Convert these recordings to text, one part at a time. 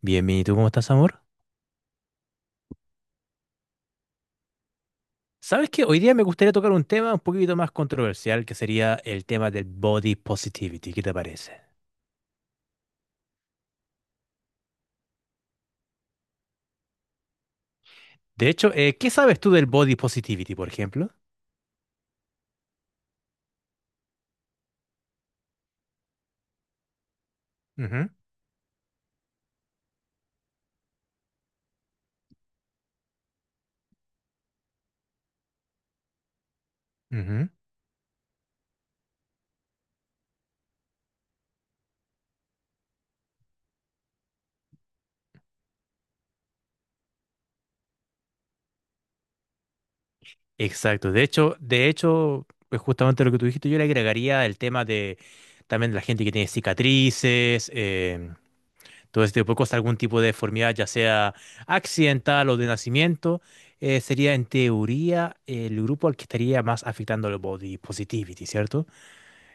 Bien, bien, ¿y tú cómo estás, amor? ¿Sabes que Hoy día me gustaría tocar un tema un poquito más controversial, que sería el tema del body positivity? ¿Qué te parece? De hecho, ¿qué sabes tú del body positivity, por ejemplo? Ujú, ujú. Exacto. De hecho, pues justamente lo que tú dijiste, yo le agregaría el tema de también la gente que tiene cicatrices, todo este tipo de cosas, algún tipo de deformidad, ya sea accidental o de nacimiento, sería en teoría el grupo al que estaría más afectando el body positivity, ¿cierto?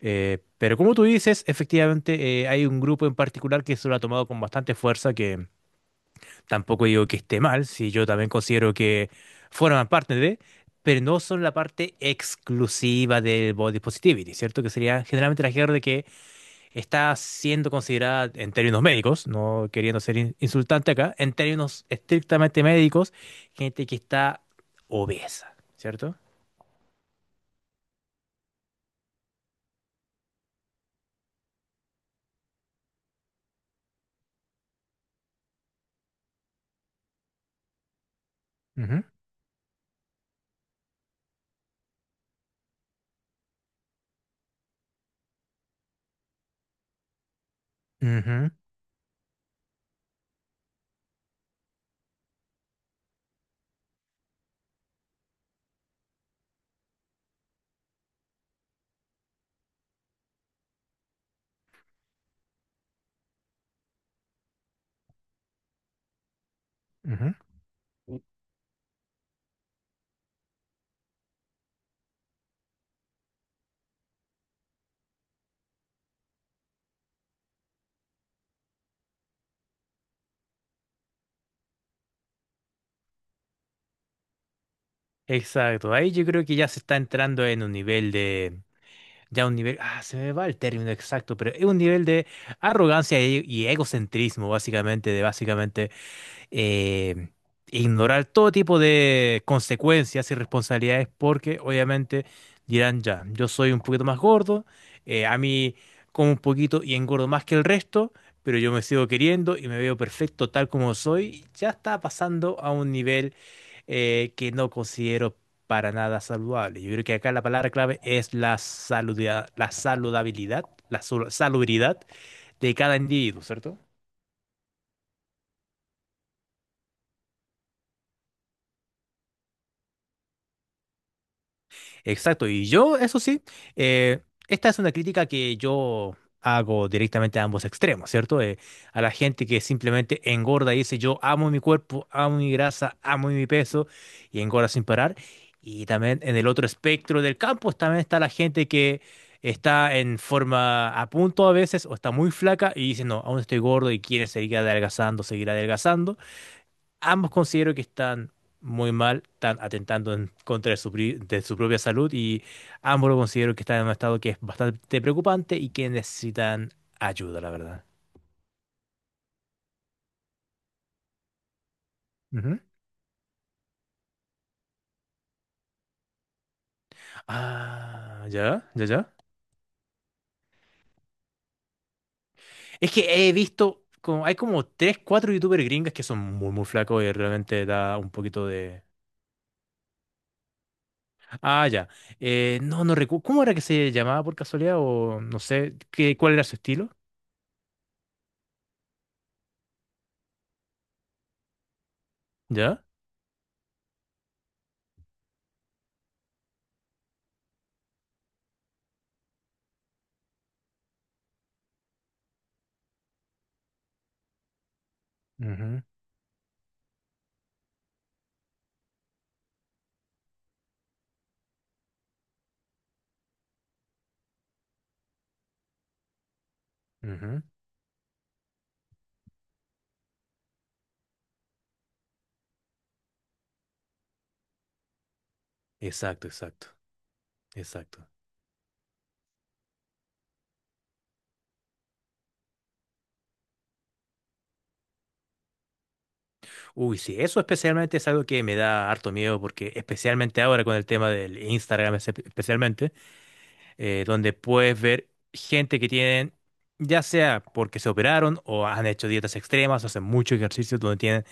Pero como tú dices, efectivamente hay un grupo en particular que se lo ha tomado con bastante fuerza, que tampoco digo que esté mal, si yo también considero que forman parte de, pero no son la parte exclusiva del body positivity, ¿cierto? Que sería generalmente la gente que está siendo considerada en términos médicos, no queriendo ser insultante acá, en términos estrictamente médicos, gente que está obesa, cierto. Ujú, ujú, ujú. Exacto, ahí yo creo que ya se está entrando en un nivel de, ya un nivel, se me va el término exacto, pero es un nivel de arrogancia y, egocentrismo, básicamente, de básicamente eh, ignorar todo tipo de consecuencias y responsabilidades, porque obviamente dirán ya, yo soy un poquito más gordo, a mí como un poquito y engordo más que el resto, pero yo me sigo queriendo y me veo perfecto tal como soy. Ya está pasando a un nivel que no considero para nada saludable. Yo creo que acá la palabra clave es la saludabilidad, salubridad de cada individuo, ¿cierto? Exacto, y yo, eso sí, eh, esta es una crítica que yo hago directamente a ambos extremos, ¿cierto? A la gente que simplemente engorda y dice, yo amo mi cuerpo, amo mi grasa, amo mi peso, y engorda sin parar. Y también en el otro espectro del campo también está la gente que está en forma a punto a veces o está muy flaca y dice, no, aún estoy gordo, y quiere seguir adelgazando, seguir adelgazando. Ambos considero que están muy mal, están atentando en contra de su, de su propia salud, y ambos lo considero que están en un estado que es bastante preocupante y que necesitan ayuda, la verdad. Ujú. Ah, ya, ya, ya. Es que he visto, como, hay como tres, cuatro youtubers gringas que son muy, muy flacos y realmente da un poquito de... Ah, ya. No, no recuerdo. ¿Cómo era que se llamaba, por casualidad? O no sé, qué, ¿cuál era su estilo? ¿Ya? Ujú, ujú. Exacto, exacto, exacto. Uy, sí, eso especialmente es algo que me da harto miedo porque especialmente ahora con el tema del Instagram especialmente, donde puedes ver gente que tienen, ya sea porque se operaron o han hecho dietas extremas, hacen mucho ejercicio, donde tienen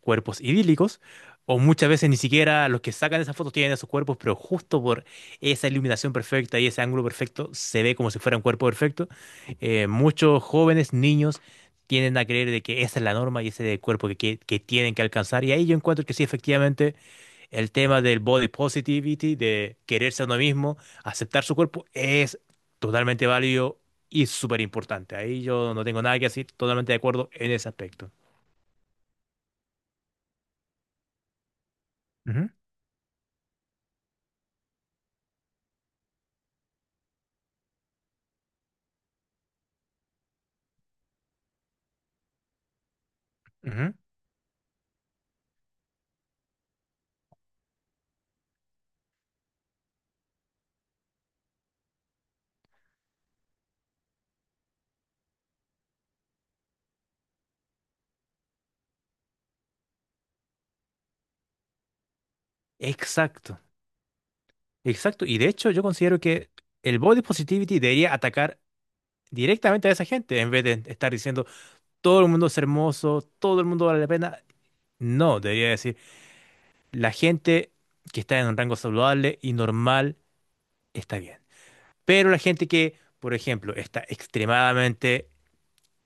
cuerpos idílicos, o muchas veces ni siquiera los que sacan esas fotos tienen esos cuerpos, pero justo por esa iluminación perfecta y ese ángulo perfecto se ve como si fuera un cuerpo perfecto. Muchos jóvenes, niños, tienden a creer de que esa es la norma y ese es el cuerpo que tienen que alcanzar. Y ahí yo encuentro que sí, efectivamente, el tema del body positivity, de quererse a uno mismo, aceptar su cuerpo, es totalmente válido y súper importante. Ahí yo no tengo nada que decir, totalmente de acuerdo en ese aspecto. Ujú, ujú. Exacto, exacto. Y de hecho yo considero que el body positivity debería atacar directamente a esa gente en vez de estar diciendo todo el mundo es hermoso, todo el mundo vale la pena. No, debería decir la gente que está en un rango saludable y normal está bien. Pero la gente que, por ejemplo, está extremadamente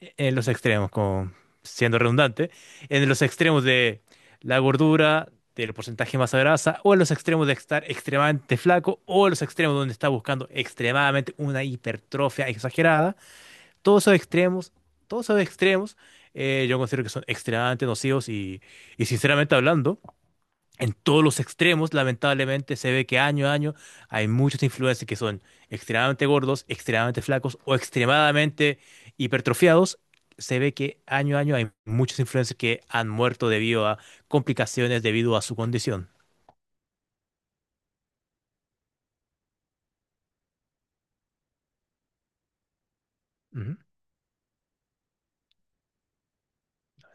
en los extremos, como siendo redundante, en los extremos de la gordura, del porcentaje de masa grasa, o en los extremos de estar extremadamente flaco, o en los extremos donde está buscando extremadamente una hipertrofia exagerada. Todos esos extremos, todos esos extremos, yo considero que son extremadamente nocivos y, sinceramente hablando, en todos los extremos, lamentablemente, se ve que año a año hay muchos influencers que son extremadamente gordos, extremadamente flacos o extremadamente hipertrofiados. Se ve que año a año hay muchos influencers que han muerto debido a complicaciones debido a su condición. Ujú,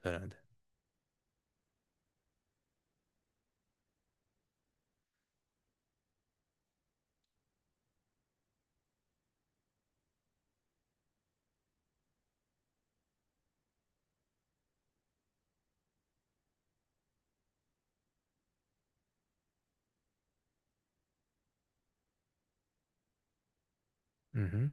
claramente. Ujú,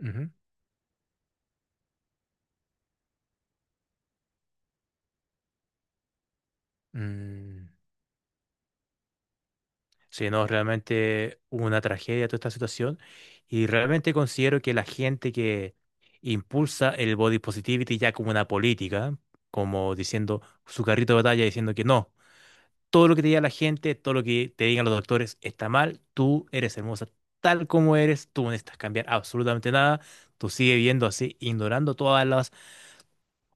ujú, mm. Sí, no, realmente hubo una tragedia toda esta situación y realmente considero que la gente que impulsa el body positivity ya como una política, como diciendo su carrito de batalla, diciendo que no, todo lo que te diga la gente, todo lo que te digan los doctores está mal, tú eres hermosa tal como eres, tú no necesitas cambiar absolutamente nada, tú sigues viendo así, ignorando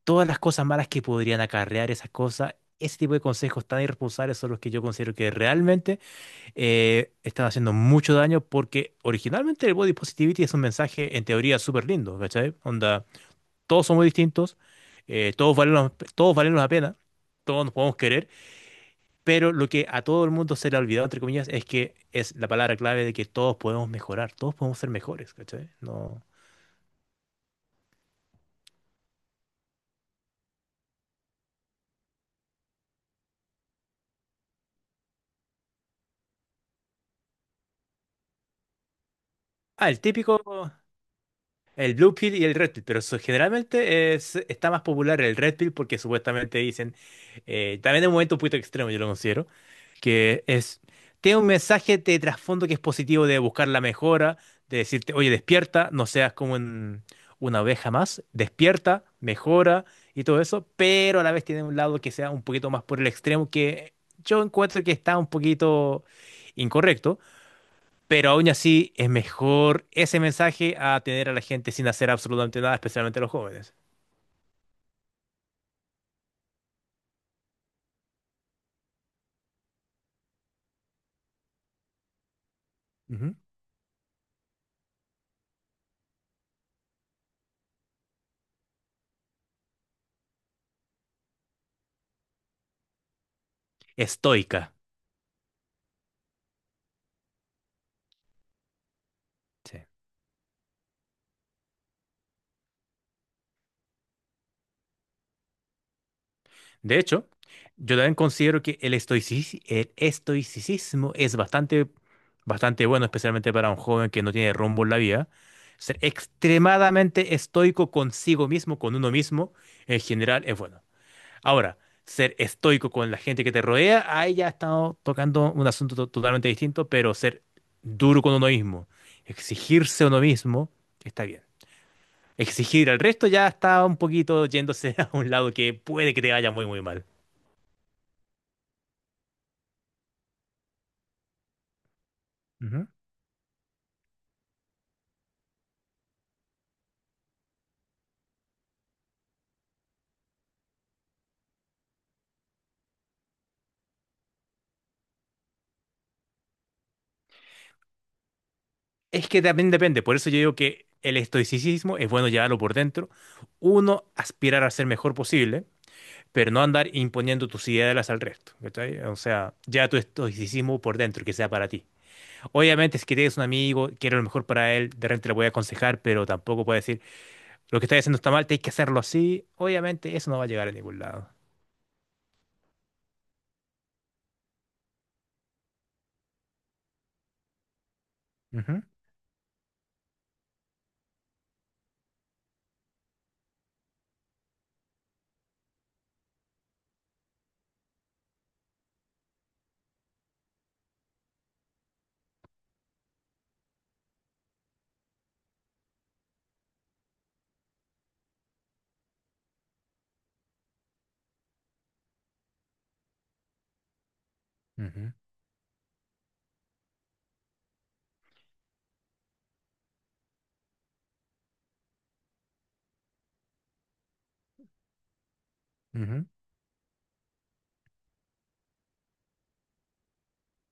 todas las cosas malas que podrían acarrear esas cosas. Ese tipo de consejos tan irresponsables son los que yo considero que realmente están haciendo mucho daño, porque originalmente el body positivity es un mensaje en teoría súper lindo, ¿cachai? Onda, todos somos distintos, todos valemos la pena, todos nos podemos querer, pero lo que a todo el mundo se le ha olvidado, entre comillas, es que es la palabra clave de que todos podemos mejorar, todos podemos ser mejores, ¿cachai? No... Ah, el típico, el Blue Pill y el Red Pill, pero generalmente es, está más popular el Red Pill porque supuestamente dicen, también es un momento un poquito extremo, yo lo considero, que es, tiene un mensaje de trasfondo que es positivo de buscar la mejora, de decirte, oye, despierta, no seas como una oveja más, despierta, mejora y todo eso, pero a la vez tiene un lado que sea un poquito más por el extremo que yo encuentro que está un poquito incorrecto, pero aún así es mejor ese mensaje a tener a la gente sin hacer absolutamente nada, especialmente a los jóvenes. Ujú. Estoica. Sí. De hecho, yo también considero que el estoicismo es bastante, bastante bueno, especialmente para un joven que no tiene rumbo en la vida. Ser extremadamente estoico consigo mismo, con uno mismo, en general es bueno. Ahora, ser estoico con la gente que te rodea, ahí ya estamos tocando un asunto totalmente distinto, pero ser duro con uno mismo, exigirse a uno mismo, está bien. Exigir al resto ya está un poquito yéndose a un lado que puede que te vaya muy, muy mal. Ujú. Es que también depende, por eso yo digo que el estoicismo es bueno llevarlo por dentro, uno aspirar a ser mejor posible, pero no andar imponiendo tus ideas al resto, ¿cachai? O sea, ya tu estoicismo por dentro, que sea para ti. Obviamente, si tienes un amigo, quiero lo mejor para él, de repente le voy a aconsejar, pero tampoco puedo decir, lo que estás haciendo está mal, tienes que hacerlo así. Obviamente, eso no va a llegar a ningún lado. Ujú, ujú, ujú.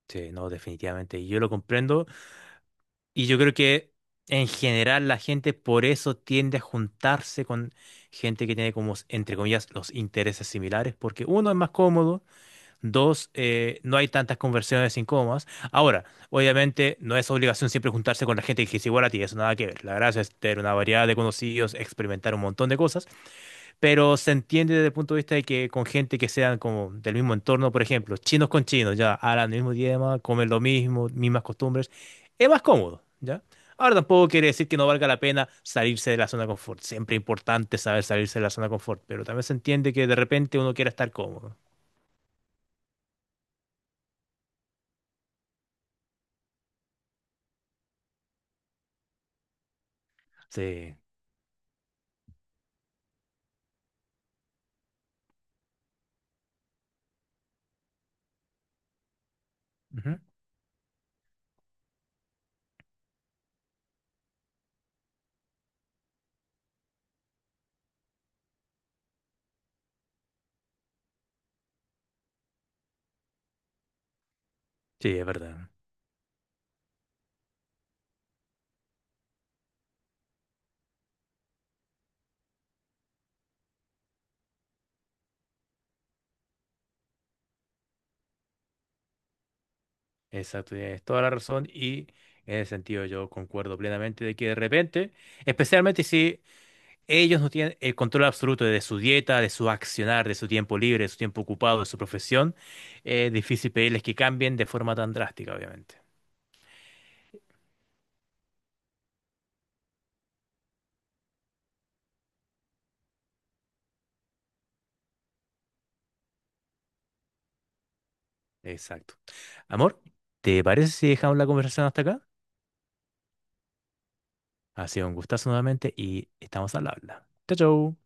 Sí, no, definitivamente. Y yo lo comprendo. Y yo creo que en general la gente por eso tiende a juntarse con gente que tiene como, entre comillas, los intereses similares, porque uno es más cómodo. Dos, no hay tantas conversiones sin... Ahora, obviamente, no es obligación siempre juntarse con la gente que es igual a ti, eso nada que ver. La gracia es tener una variedad de conocidos, experimentar un montón de cosas, pero se entiende desde el punto de vista de que con gente que sean como del mismo entorno, por ejemplo, chinos con chinos, ya hablan el mismo idioma, comen lo mismo, mismas costumbres, es más cómodo, ¿ya? Ahora tampoco quiere decir que no valga la pena salirse de la zona de confort. Siempre es importante saber salirse de la zona de confort, pero también se entiende que de repente uno quiera estar cómodo. Sí. Sí, es verdad. Exacto, tienes toda la razón y en ese sentido yo concuerdo plenamente de que de repente, especialmente si ellos no tienen el control absoluto de su dieta, de su accionar, de su tiempo libre, de su tiempo ocupado, de su profesión, es difícil pedirles que cambien de forma tan drástica, obviamente. Exacto. Amor, ¿te parece si dejamos la conversación hasta acá? Ha sido un gustazo nuevamente y estamos al habla. Chao, chao.